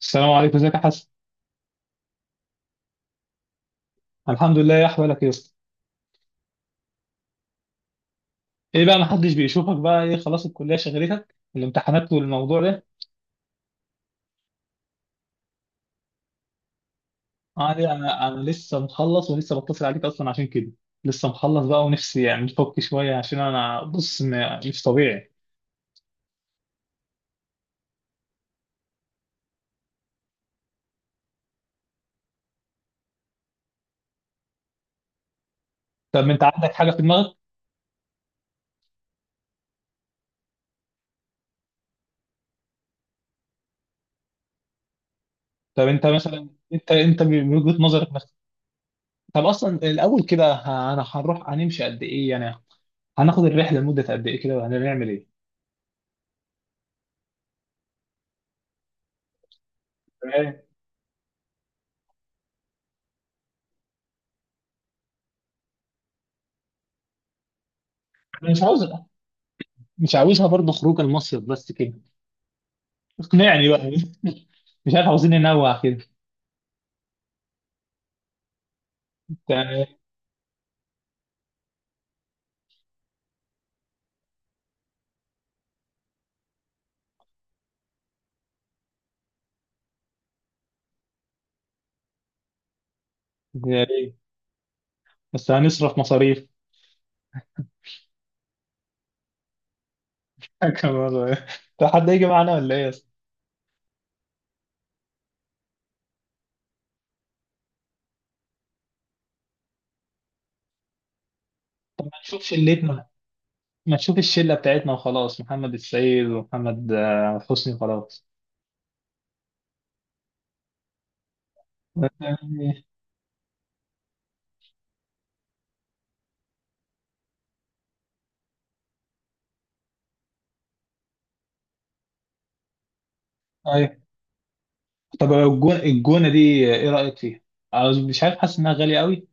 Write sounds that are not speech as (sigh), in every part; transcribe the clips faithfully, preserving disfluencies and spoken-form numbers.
السلام عليكم، ازيك يا حسن؟ الحمد لله، يا احوالك يا اسطى؟ ايه بقى محدش بيشوفك بقى؟ ايه خلاص الكليه شغلتك الامتحانات والموضوع ده؟ عادي، انا انا لسه مخلص ولسه بتصل عليك اصلا عشان كده. لسه مخلص بقى ونفسي يعني نفك شويه، عشان انا بص م- مش طبيعي. طب انت عندك حاجه في دماغك؟ طب انت مثلا، انت انت من وجهه نظرك مثلا؟ طب اصلا الاول كده ه- انا هنروح هنمشي قد ايه يعني؟ هناخد الرحله لمده قد ايه كده وهنعمل ايه؟ تمام. انا مش عاوز. مش عاوزها برضه خروج المصيف بس كده. اقنعني بقى. (laughs) مش عارف، عاوزين ننوع كده. تمام. يا ريت. بس هنصرف مصاريف. (laughs) كمان. طب حد هيجي معانا ولا ايه اصلا؟ طب ما نشوف شلتنا. ما نشوف الشله بتاعتنا وخلاص، محمد السيد ومحمد آه، حسني وخلاص. يعني- ايوه. طب الجون، الجونه دي ايه رايك فيها؟ عاوز- مش عارف، حاسس انها غاليه قوي.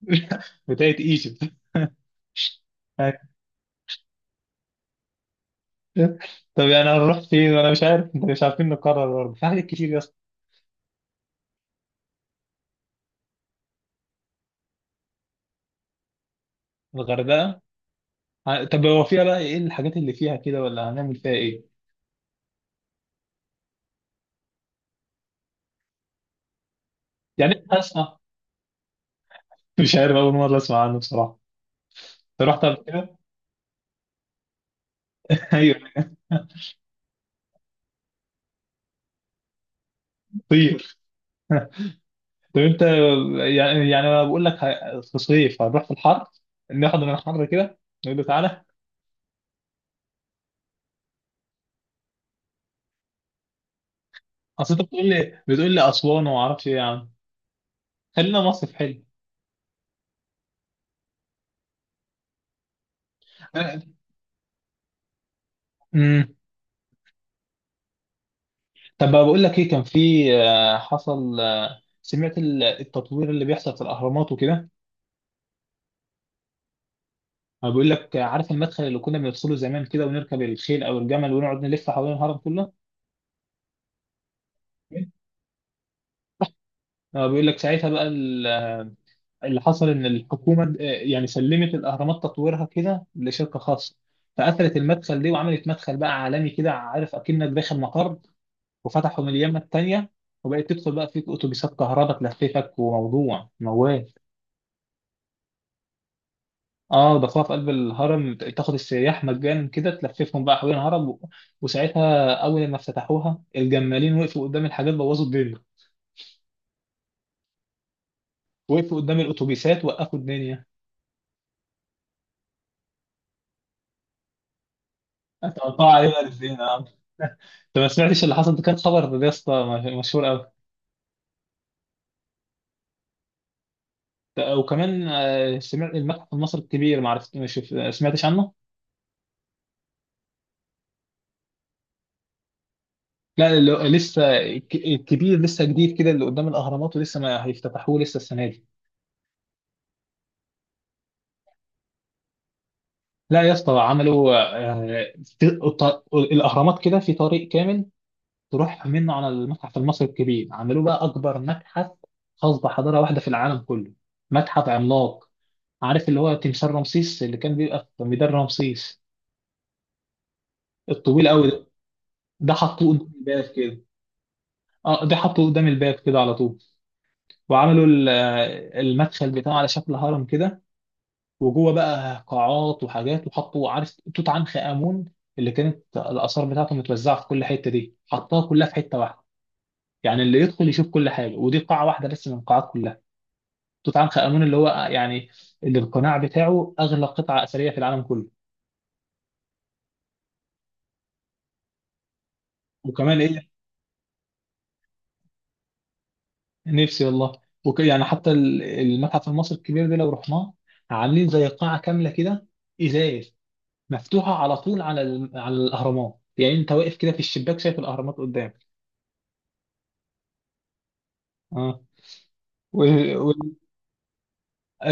(laughs) بتاعت ايجيبت. (laughs) طب يعني هنروح فين؟ وانا مش عارف، انت مش عارفين نقرر برضه، في حاجات كتير يا اسطى. الغردقه؟ ه- طب هو فيها بقى ايه الحاجات اللي فيها كده، ولا هنعمل فيها ايه؟ يعني هسمع، مش عارف، اول مرة اسمع عنه بصراحة. انت رحت قبل كده؟ (laughs) ايوه. طير. طب انت، يعني يعني انا بقول لك ه- في صيف هنروح في الحر، ناخد من الحر كده، نقول له تعالى. اصل انت بتقول لي بتقول لي اسوان وما اعرفش ايه يا عم. خلينا مصيف حلو. امم. طب بقى بقول لك ايه، كان في آه، حصل آه، سمعت ال- التطوير اللي بيحصل في الاهرامات وكده. أنا بقول لك، عارف المدخل اللي كنا بندخله زمان كده، ونركب الخيل أو الجمل ونقعد نلف حوالين الهرم كله؟ أنا بيقول لك ساعتها بقى ال- اللي حصل إن الحكومة آه، يعني سلمت الأهرامات تطويرها كده لشركة خاصة. فقفلت المدخل دي وعملت مدخل بقى عالمي كده، عارف، أكنك داخل مقر. وفتحوا من اليمة التانية، وبقت تدخل بقى فيك أتوبيسات كهرباء تلففك وموضوع موال. اه ضافوها في قلب الهرم، ت- تاخد السياح مجانا كده، تلففهم بقى حوالين الهرم و-. وساعتها اول ما افتتحوها الجمالين وقفوا قدام الحاجات، بوظوا الدنيا. وقفوا قدام الاتوبيسات، وقفوا الدنيا. اتقطعوا علينا الاثنين. اه انت (laughs) ما سمعتش اللي حصل ده؟ كان خبر يا اسطى م- مشهور قوي. وكمان آه، سمعت المتحف المصري الكبير؟ ما عرفت، ما شف- آه، سمعتش عنه؟ لا، اللي هو لسه الك- الكبير لسه جديد كده، اللي قدام الاهرامات، ولسه ما هيفتتحوه لسه السنه دي. لا يا اسطى، عملوا آه، في الط- الاهرامات كده في طريق كامل تروح منه على المتحف المصري الكبير. عملوه بقى اكبر متحف خاص بحضاره واحده في العالم كله. متحف عملاق. عارف اللي هو تمثال رمسيس اللي كان بيبقى في ميدان رمسيس، الطويل قوي ده؟ ده حطوه قدام الباب كده. اه ده حطوه قدام الباب كده على طول. وعملوا ال- آه، المدخل بتاعه على شكل هرم كده. وجوه بقى قاعات وحاجات، وحطوا، عارف، توت عنخ آمون اللي كانت الآثار بتاعته متوزعة في كل حتة، دي حطها كلها في حتة واحدة. يعني اللي يدخل يشوف كل حاجة، ودي قاعة واحدة بس من القاعات كلها. توت عنخ آمون اللي هو يعني، اللي القناع بتاعه أغلى قطعة أثرية في العالم كله. وكمان إيه. نفسي والله. وك يعني حتى ال- المتحف المصري الكبير ده لو رحناه، عاملين زي قاعة كاملة كده، إزاز، مفتوحة على طول على ال- على الأهرامات، يعني أنت واقف كده في الشباك، شايف الأهرامات قدامك. اه. آه،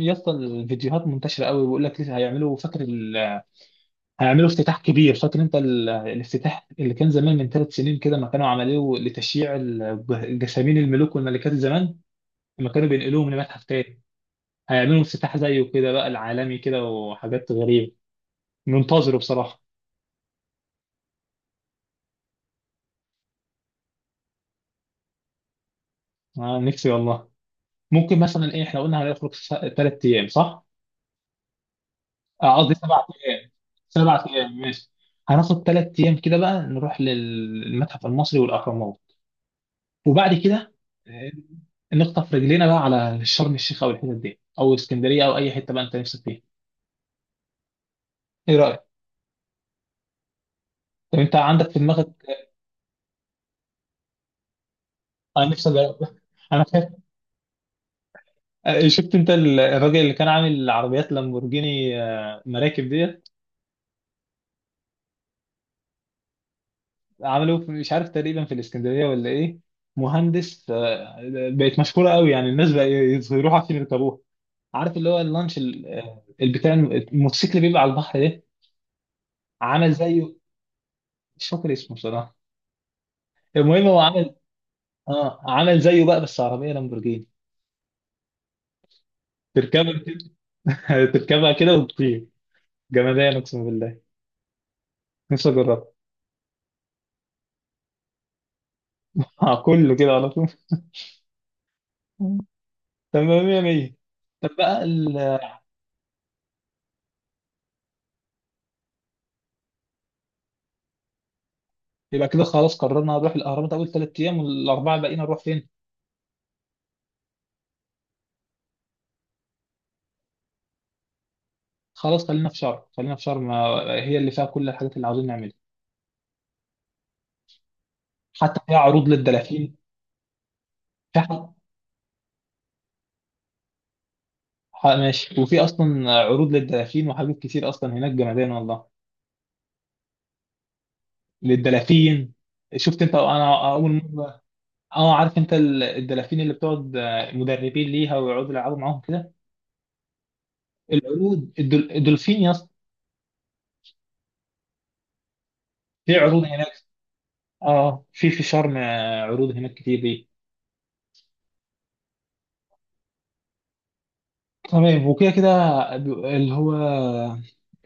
يا اسطى، الفيديوهات منتشره قوي، بيقول لك لسه هيعملوا، فاكر ال... هيعملوا افتتاح كبير. فاكر انت ال... الافتتاح اللي كان زمان من ثلاث سنين كده، ما كانوا عملوه لتشييع الج- جسامين الملوك والملكات زمان لما كانوا بينقلوهم لمتحف تاني؟ هيعملوا افتتاح زيه كده بقى العالمي كده، وحاجات غريبه منتظره بصراحه. آه نفسي والله. ممكن مثلا ايه، احنا قلنا هنخرج ثلاث ايام صح؟ آه، قصدي سبع ايام. سبع ايام ماشي. هناخد ثلاث ايام كده بقى، نروح للمتحف المصري والاهرامات، وبعد كده آه، نخطف رجلينا بقى على شرم الشيخ او الحتت دي، او اسكندريه، او اي حته بقى انت نفسك فيها. ايه رايك؟ طب انت عندك في دماغك؟ انا نفسي أجرب. (laughs) انا خايف. آه، شفت انت ال- الراجل اللي كان عامل عربيات لامبورجيني آه، مراكب ديت؟ عملوه في- مش عارف، تقريبا في الاسكندريه ولا ايه. مهندس. آه، بقت مشهوره قوي يعني، الناس بقى يروحوا عشان يركبوها. عارف اللي هو اللانش ال- آه، البتاع الم- الموتوسيكل اللي بيبقى على البحر ده؟ عمل زيه. مش فاكر اسمه بصراحه. المهم هو عمل، اه عامل زيه بقى بس عربيه لامبورجيني. تركبها كده. (laughs) تركبها كده وتطير. جمدان، اقسم بالله. نفسي اجربها. آه، كله كده على طول. (laughs) تمام يا مية. طب بقى ال... يبقى كده خلاص، قررنا نروح الاهرامات اول ثلاث ايام، والاربعه الباقيين نروح فين؟ خلاص خلينا في شرم. خلينا في شرم، آه، هي اللي فيها كل الحاجات اللي عاوزين نعملها. حتى فيها عروض للدلافين. في حق... حق- ماشي، وفي اصلا عروض للدلافين وحاجات كتير اصلا هناك، جمدان والله. للدلافين. شفت انت، انا اول مره. اه عارف انت ال- الدلافين اللي بتقعد، آه، مدربين ليها ويقعدوا يلعبوا معاهم كده؟ العروض الدل- الدولفين يا اسطى. في عروض هناك. اه في في شرم، آه، عروض هناك كتير دي. تمام. وكده كده ب- اللي هو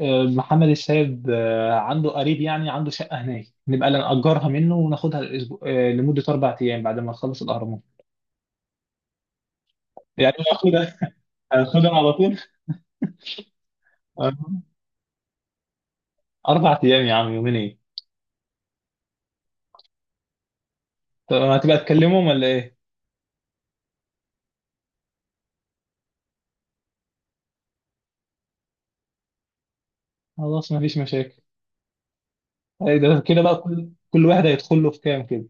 آه، محمد السيد، آه، عنده قريب، يعني عنده شقة هناك، نبقى نأجرها منه وناخدها الأسبوع، آه، لمدة أربع أيام بعد ما نخلص الأهرامات. يعني هاخدها. هاخدها على طول. آه. أربع أيام يا عم، يومين إيه؟ طب هتبقى تكلمهم ولا إيه؟ خلاص مفيش مشاكل. أي ده كده بقى، كل كل واحد هيدخل له في كام كده؟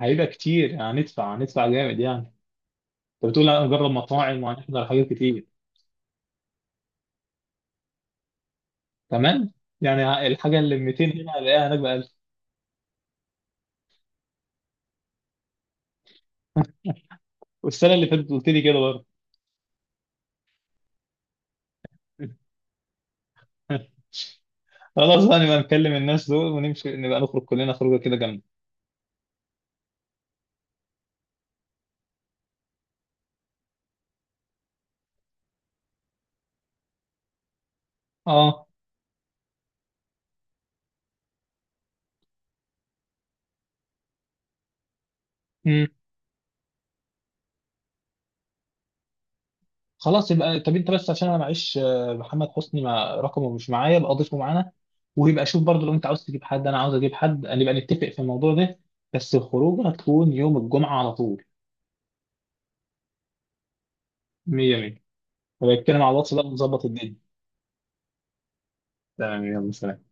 هيبقى كتير يعني، هندفع هندفع جامد يعني. انت بتقول هنجرب مطاعم وهنحضر حاجات كتير. كمان. يعني الحاجه اللي مئتين هنا هلاقيها هناك ب ألف. والسنه اللي فاتت قلت لي كده برضه. (laughs) خلاص بقى، نبقى نكلم الناس دول ونمشي، نبقى نخرج كلنا خروجه كده جامده. اه. امم. خلاص يبقى. طب انت بس عشان انا معيش آه، محمد حسني، مع رقمه مش معايا، يبقى اضيفه معانا. ويبقى شوف برضه، لو انت عاوز تجيب حد انا عاوز اجيب حد، نبقى نتفق في الموضوع ده. بس الخروجه هتكون يوم الجمعه على طول. مية مية. هبقى اتكلم على الواتس بقى ونظبط الدنيا. تمام، يلا سلام.